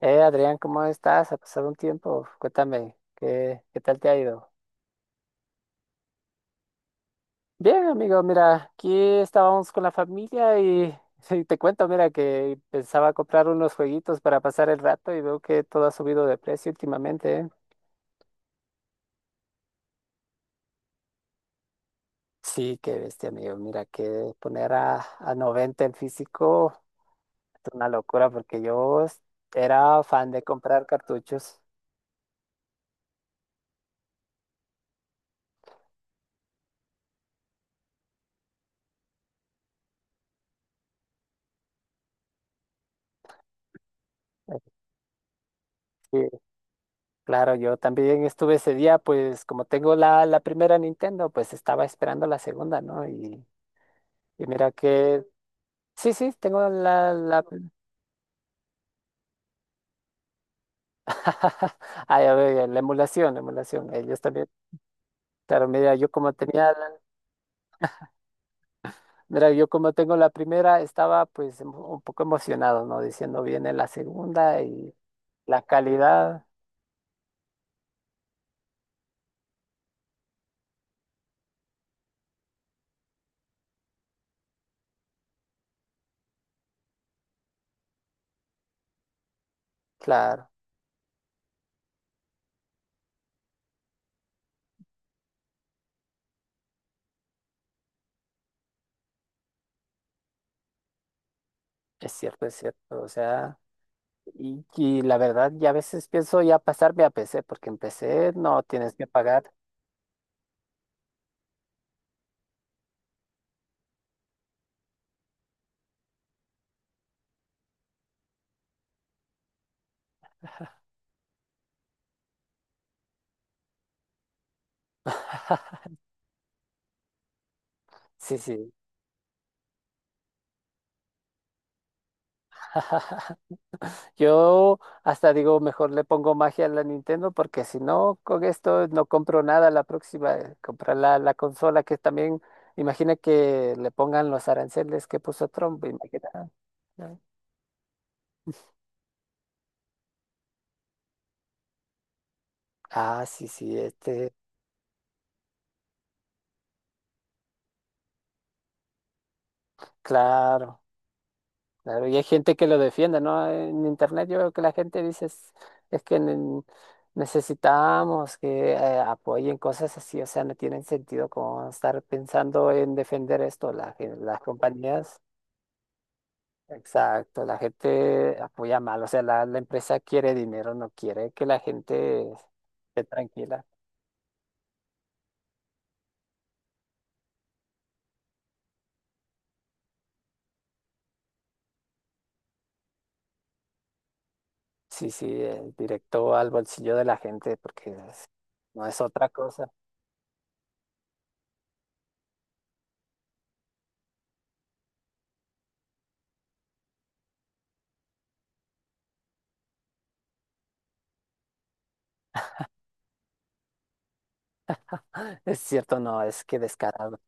Adrián, ¿cómo estás? Ha pasado un tiempo. Cuéntame, ¿qué tal te ha ido? Bien, amigo, mira, aquí estábamos con la familia y, y te cuento, mira, que pensaba comprar unos jueguitos para pasar el rato y veo que todo ha subido de precio últimamente, ¿eh? Sí, qué bestia, amigo. Mira, que poner a 90 el físico es una locura porque yo era fan de comprar cartuchos. Sí, claro, yo también estuve ese día, pues como tengo la primera Nintendo, pues estaba esperando la segunda, ¿no? Y mira que, sí, sí, tengo ah, ya veo, ya, la emulación, ellos también, claro, mira, yo como tenía, la- mira, yo como tengo la primera, estaba pues un poco emocionado, ¿no? Diciendo viene la segunda y la calidad, claro, es cierto, o sea... Y, y la verdad, ya a veces pienso ya pasarme a PC, porque en PC no tienes que pagar. Sí, sí. Yo hasta digo, mejor le pongo magia a la Nintendo porque si no, con esto no compro nada la próxima. Comprar la consola que también, imagina que le pongan los aranceles que puso Trump, imagina, ¿no? Ah, sí, sí, este, claro. Claro, y hay gente que lo defiende, ¿no? En internet yo veo que la gente dice es que necesitamos que apoyen cosas así, o sea, no tienen sentido como estar pensando en defender esto. Las compañías, exacto, la gente apoya mal, o sea, la empresa quiere dinero, no quiere que la gente esté tranquila. Sí, sí, directo al bolsillo de la gente, porque no es otra cosa. Es cierto, no, es que descarado,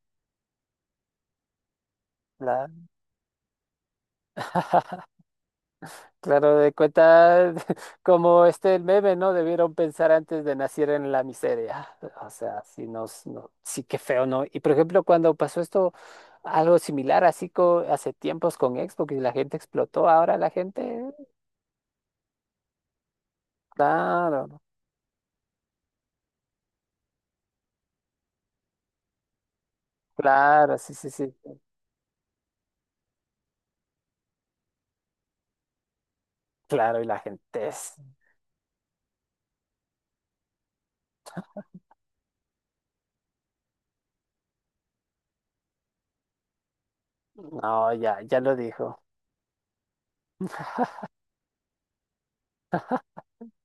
¿verdad? Claro, de cuenta como este el meme, ¿no? Debieron pensar antes de nacer en la miseria. Ah, o sea, sí, nos, no, sí que feo, ¿no? Y por ejemplo, cuando pasó esto, algo similar, así hace tiempos con Xbox y la gente explotó, ahora la gente, claro, claro, sí, sí, sí, claro, y la gente es, no, ya, ya lo dijo.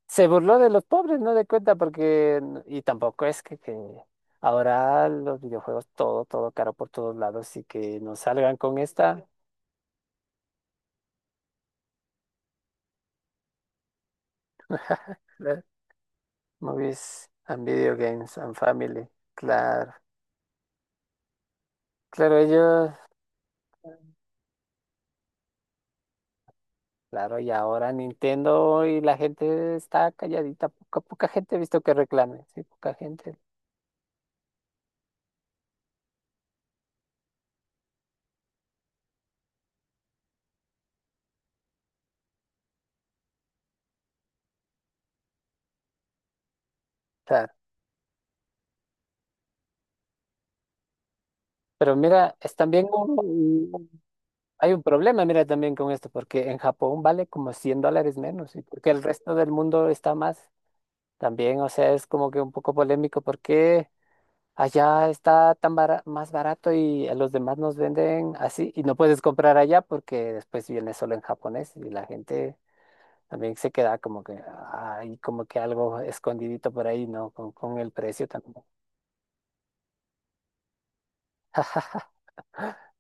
Se burló de los pobres, no de cuenta, porque, y tampoco es que ahora los videojuegos todo, todo caro por todos lados y que nos salgan con esta, ¿verdad? Movies and Video Games and Family, claro, claro, ellos, claro, y ahora Nintendo y la gente está calladita, poca, poca gente he visto que reclame, sí, poca gente, claro. Pero mira, están bien, hay un problema, mira, también con esto, porque en Japón vale como $100 menos, y porque el resto del mundo está más. También, o sea, es como que un poco polémico porque allá está más barato y a los demás nos venden así, y no puedes comprar allá porque después viene solo en japonés y la gente también se queda como que hay como que algo escondidito por ahí, ¿no? Con el precio también.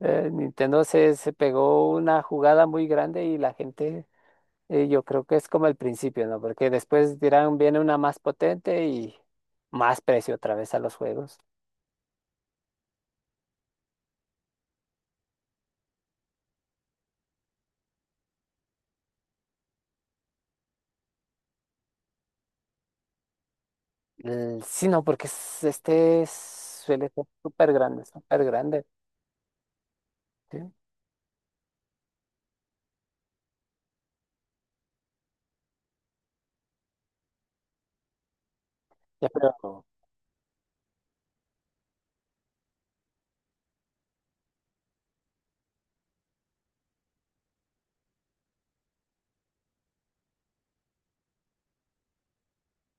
Nintendo se pegó una jugada muy grande y la gente. Y yo creo que es como el principio, ¿no? Porque después dirán, viene una más potente y más precio otra vez a los juegos. Sí, no, porque suele ser súper grande, súper grande. ¿Sí? Ya, pero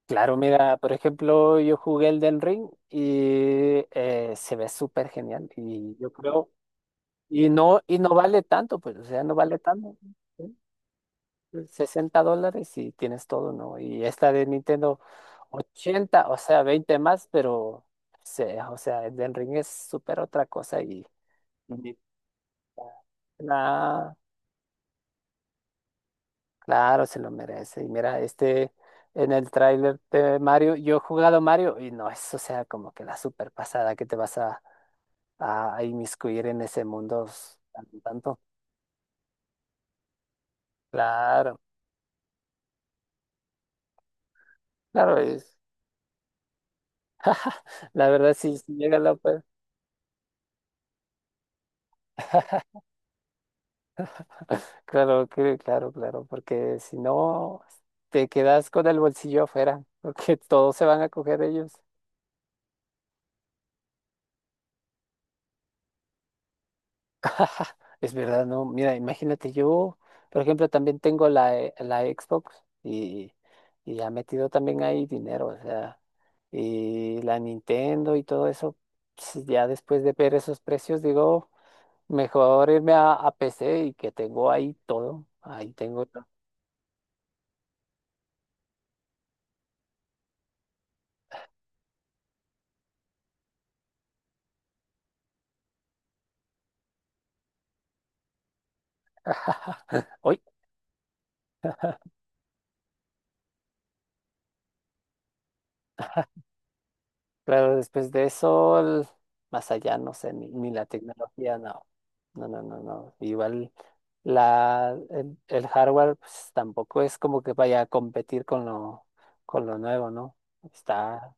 claro, mira, por ejemplo, yo jugué el Elden Ring y se ve súper genial. Y yo creo, y no vale tanto, pues, o sea, no vale tanto. $60 y tienes todo, ¿no? Y esta de Nintendo, 80, o sea, 20 más, pero, o sea, el del ring es súper otra cosa y, y la- claro, se lo merece. Y mira, este, en el tráiler de Mario, yo he jugado Mario y no es, o sea, como que la super pasada que te vas a inmiscuir en ese mundo tanto, tanto. Claro, claro, es, la verdad, si, si llega la... Claro, claro, claro, porque si no, te quedas con el bolsillo afuera, porque todos se van a coger ellos. Es verdad, ¿no? Mira, imagínate, yo, por ejemplo, también tengo la, la Xbox y ha metido también ahí dinero, o sea, y la Nintendo y todo eso, pues, ya después de ver esos precios, digo, mejor irme a PC y que tengo ahí todo, ahí tengo. Todo. Claro, después de eso, más allá, no sé, ni la tecnología, no. No, no, no, no. Igual la, el hardware, pues tampoco es como que vaya a competir con lo nuevo, ¿no? Está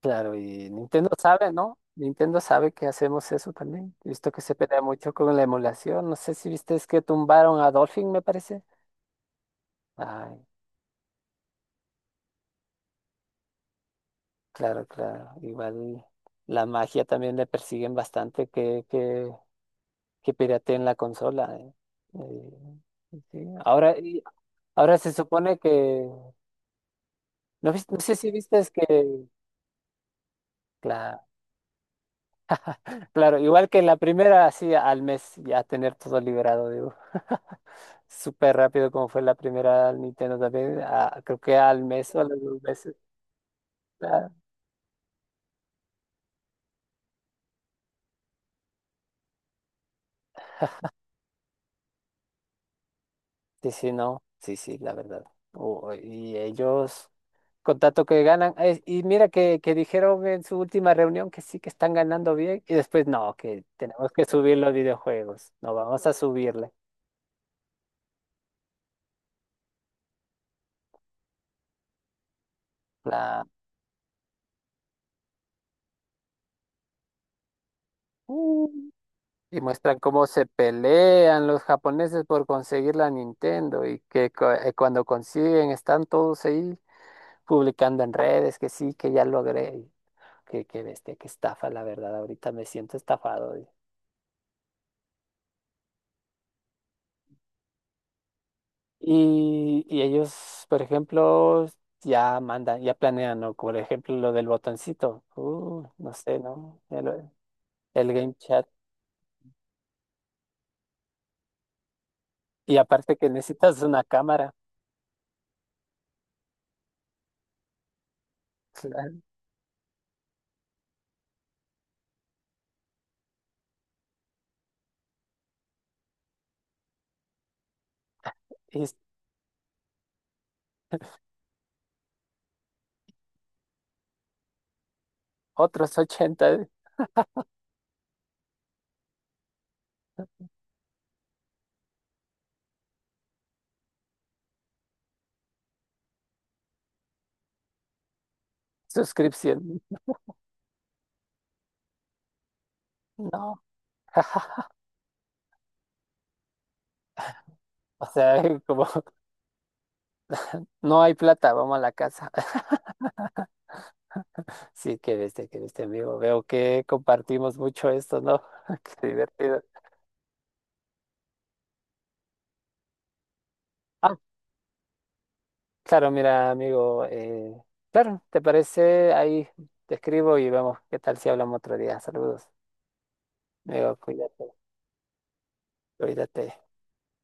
claro, y Nintendo sabe, ¿no? Nintendo sabe que hacemos eso también. He visto que se pelea mucho con la emulación. No sé si viste, es que tumbaron a Dolphin, me parece. Ay, claro, claro. Igual la magia también le persiguen bastante, que que pirateen la consola. Eh. Sí. Ahora, ahora se supone que, no, no sé si viste es que, claro, claro, igual que en la primera, así al mes ya tener todo liberado, digo, súper rápido como fue la primera Nintendo también, ah, creo que al mes o a las dos veces, claro. Sí, sí, no, sí, sí, la verdad. Oh, y ellos... con tanto que ganan. Y mira que dijeron en su última reunión que sí que están ganando bien y después no, que tenemos que subir los videojuegos. No, vamos a subirle. La... uh, y muestran cómo se pelean los japoneses por conseguir la Nintendo y que cuando consiguen están todos ahí publicando en redes que sí, que ya logré. Que bestia, que estafa, la verdad. Ahorita me siento estafado. Y ellos, por ejemplo, ya mandan, ya planean, ¿no? Por ejemplo, lo del botoncito. No sé, ¿no? El game chat. Y aparte que necesitas una cámara. Claro. Y otros 80, suscripción. No. O sea, como no hay plata, vamos a la casa. Sí, que viste, amigo. Veo que compartimos mucho esto, ¿no? Qué divertido. Claro, mira, amigo, claro, ¿te parece? Ahí te escribo y vemos qué tal si hablamos otro día. Saludos. Amigo, cuídate, cuídate.